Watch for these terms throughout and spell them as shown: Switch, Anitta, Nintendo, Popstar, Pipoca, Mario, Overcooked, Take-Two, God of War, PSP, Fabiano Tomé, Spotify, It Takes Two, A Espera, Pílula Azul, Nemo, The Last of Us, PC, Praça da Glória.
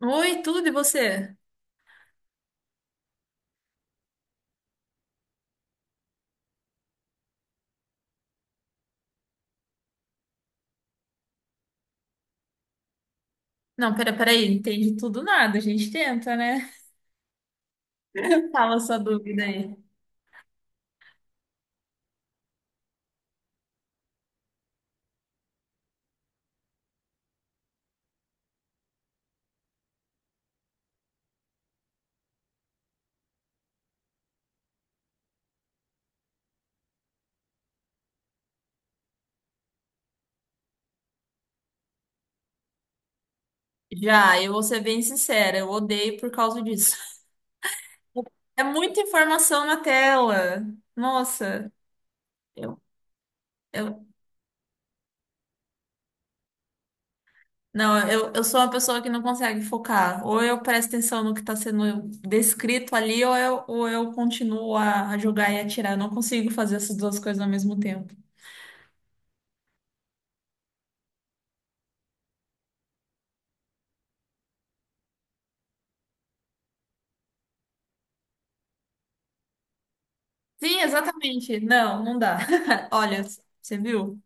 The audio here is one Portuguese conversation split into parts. Oi, tudo e você? Não, pera, peraí, entende tudo nada, a gente tenta, né? Fala a sua dúvida aí. Já, eu vou ser bem sincera, eu odeio por causa disso. É muita informação na tela. Nossa, eu, eu, não, eu sou uma pessoa que não consegue focar. Ou eu presto atenção no que está sendo descrito ali, ou eu continuo a jogar e atirar. Eu não consigo fazer essas duas coisas ao mesmo tempo. Sim, exatamente. Não, não dá. Olha, você viu?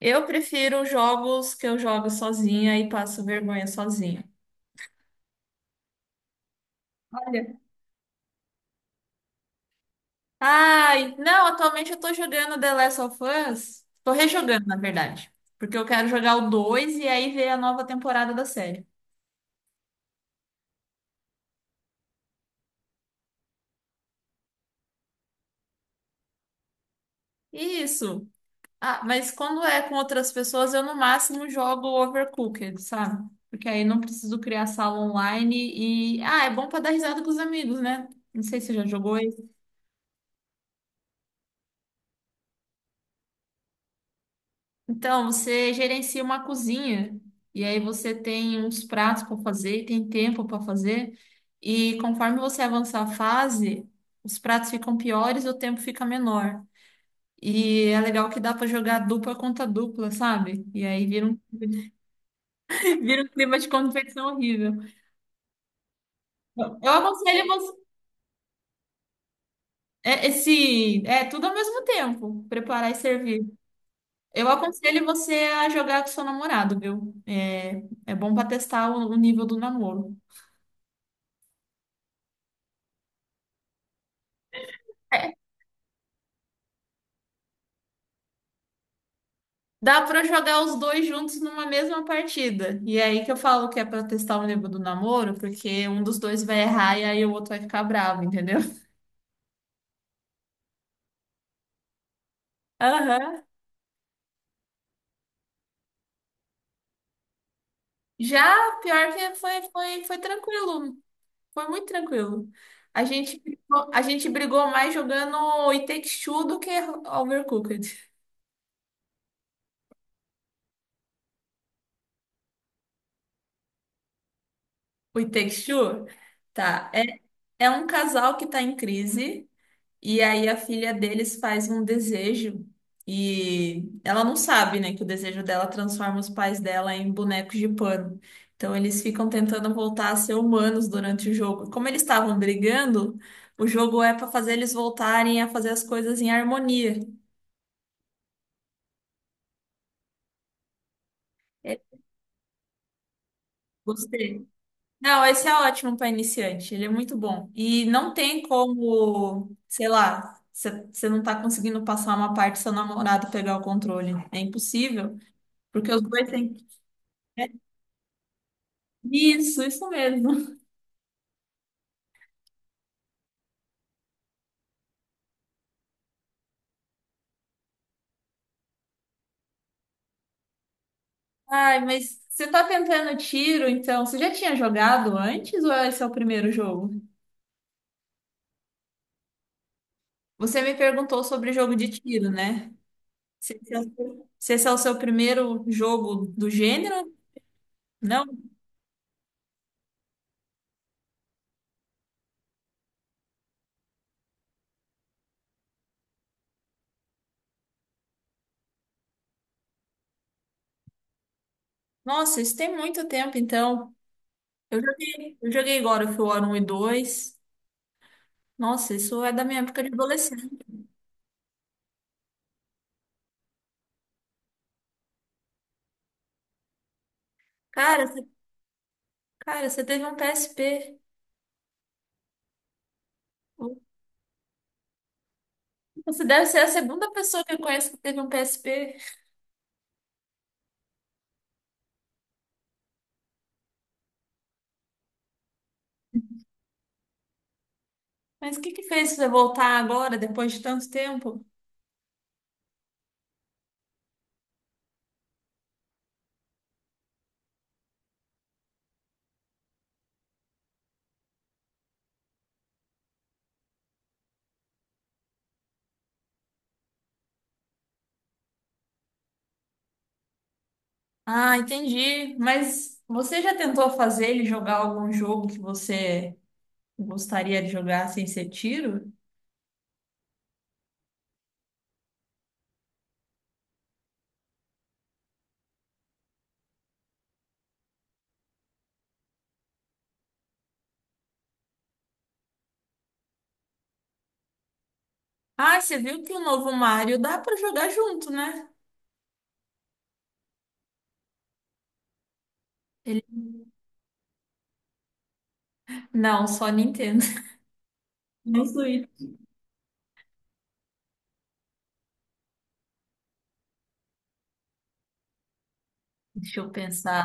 Eu prefiro jogos que eu jogo sozinha e passo vergonha sozinha. Olha. Ai, não, atualmente eu tô jogando The Last of Us. Tô rejogando, na verdade. Porque eu quero jogar o 2 e aí ver a nova temporada da série. Isso. Ah, mas quando é com outras pessoas, eu no máximo jogo Overcooked, sabe? Porque aí não preciso criar sala online e. Ah, é bom pra dar risada com os amigos, né? Não sei se você já jogou. Então, você gerencia uma cozinha e aí você tem uns pratos para fazer e tem tempo para fazer. E conforme você avança a fase, os pratos ficam piores e o tempo fica menor. E é legal que dá para jogar dupla contra dupla, sabe? E aí vira um, vira um clima de competição horrível. Eu aconselho você. É, esse, é tudo ao mesmo tempo, preparar e servir. Eu aconselho você a jogar com seu namorado, viu? É, é bom para testar o nível do namoro. Dá pra jogar os dois juntos numa mesma partida. E é aí que eu falo que é pra testar o nível do namoro, porque um dos dois vai errar e aí o outro vai ficar bravo, entendeu? Aham. Já, pior que foi, foi tranquilo. Foi muito tranquilo. A gente, a gente brigou mais jogando o It Takes Two do que Overcooked. O It Takes Two? Tá. É, é um casal que tá em crise. E aí a filha deles faz um desejo e ela não sabe, né, que o desejo dela transforma os pais dela em bonecos de pano. Então eles ficam tentando voltar a ser humanos durante o jogo. Como eles estavam brigando, o jogo é para fazer eles voltarem a fazer as coisas em harmonia. É, gostei. Não, esse é ótimo para iniciante, ele é muito bom. E não tem como, sei lá, você não tá conseguindo passar uma parte do seu namorado pegar o controle. É impossível. Porque os dois têm que. Isso mesmo. Ai, mas você tá tentando tiro, então? Você já tinha jogado antes ou esse é o primeiro jogo? Você me perguntou sobre jogo de tiro, né? Se esse é o seu Se esse é o seu primeiro jogo do gênero? Não? Nossa, isso tem muito tempo, então. Eu joguei God of War 1 e 2. Nossa, isso é da minha época de adolescente. Cara, você, cara, você teve um PSP. Você deve ser a segunda pessoa que eu conheço que teve um PSP. Mas o que que fez você voltar agora, depois de tanto tempo? Ah, entendi. Mas você já tentou fazer ele jogar algum jogo que você gostaria de jogar sem ser tiro? Ah, você viu que o novo Mario dá pra jogar junto, né? Ele... Não, só Nintendo. Não Switch. Deixa eu pensar.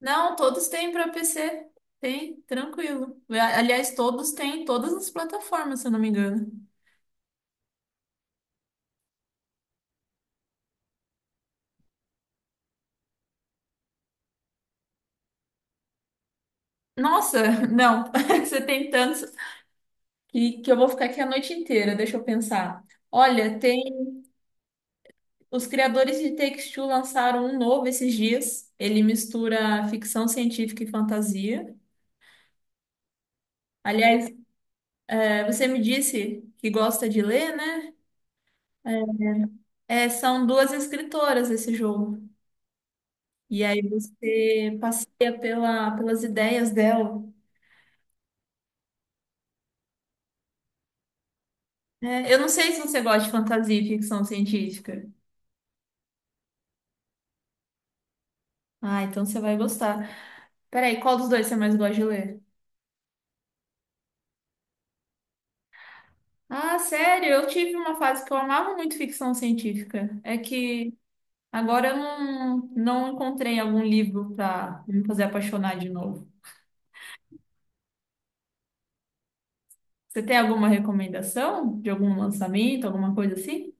Não, todos têm para PC. Tem, tranquilo. A- Aliás, todos têm em todas as plataformas, se eu não me engano. Nossa, não. Você tem tantos. Que eu vou ficar aqui a noite inteira, deixa eu pensar. Olha, tem. Os criadores de Take-Two lançaram um novo esses dias. Ele mistura ficção científica e fantasia. Aliás, é, você me disse que gosta de ler, né? São duas escritoras esse jogo. E aí você passeia pelas ideias dela. É, eu não sei se você gosta de fantasia e ficção científica. Ah, então você vai gostar. Peraí, qual dos dois você mais gosta de ler? Ah, sério, eu tive uma fase que eu amava muito ficção científica. É que agora eu não, não encontrei algum livro para me fazer apaixonar de novo. Você tem alguma recomendação de algum lançamento, alguma coisa assim?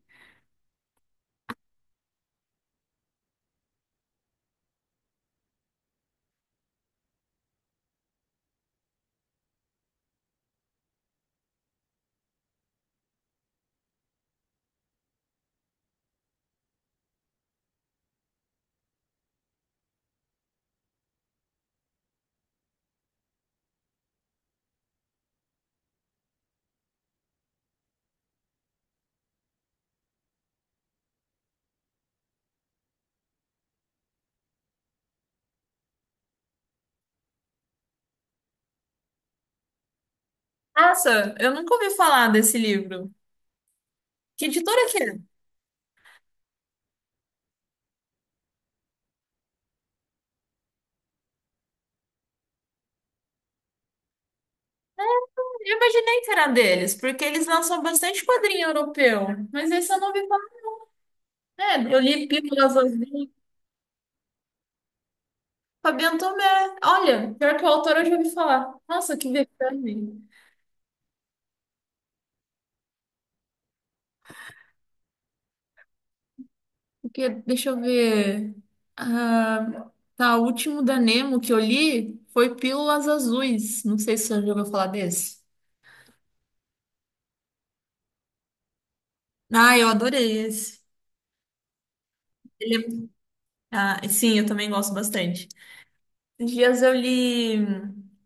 Nossa, eu nunca ouvi falar desse livro. Que editora que é? Eu imaginei que era deles, porque eles lançam bastante quadrinho europeu, mas esse eu não ouvi falar. É, eu li Pílulas Azuis. Fabiano Tomé. Olha, pior que o autor eu já ouvi falar. Nossa, que vexame. Porque, deixa eu ver. Ah, tá, o último da Nemo que eu li foi Pílulas Azuis. Não sei se você já ouviu falar desse. Ah, eu adorei esse. Ele é- Ah, sim, eu também gosto bastante. Esses dias eu li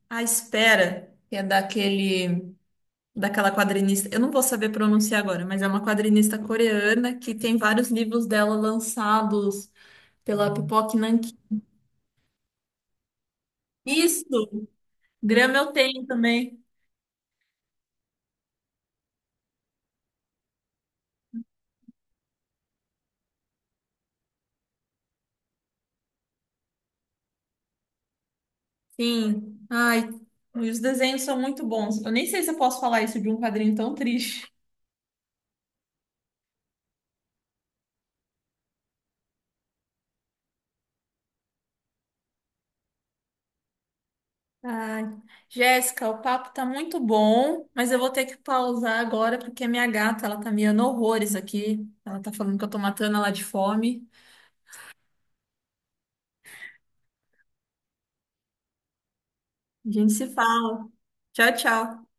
A Espera, que é daquela quadrinista. Eu não vou saber pronunciar agora, mas é uma quadrinista coreana que tem vários livros dela lançados pela Pipoca. Isso, grama eu tenho também. Sim. Ai, e os desenhos são muito bons. Eu nem sei se eu posso falar isso de um quadrinho tão triste. Ai, Jéssica, o papo tá muito bom, mas eu vou ter que pausar agora porque a minha gata, ela tá miando horrores aqui. Ela tá falando que eu tô matando ela de fome. A gente se fala. Tchau, tchau.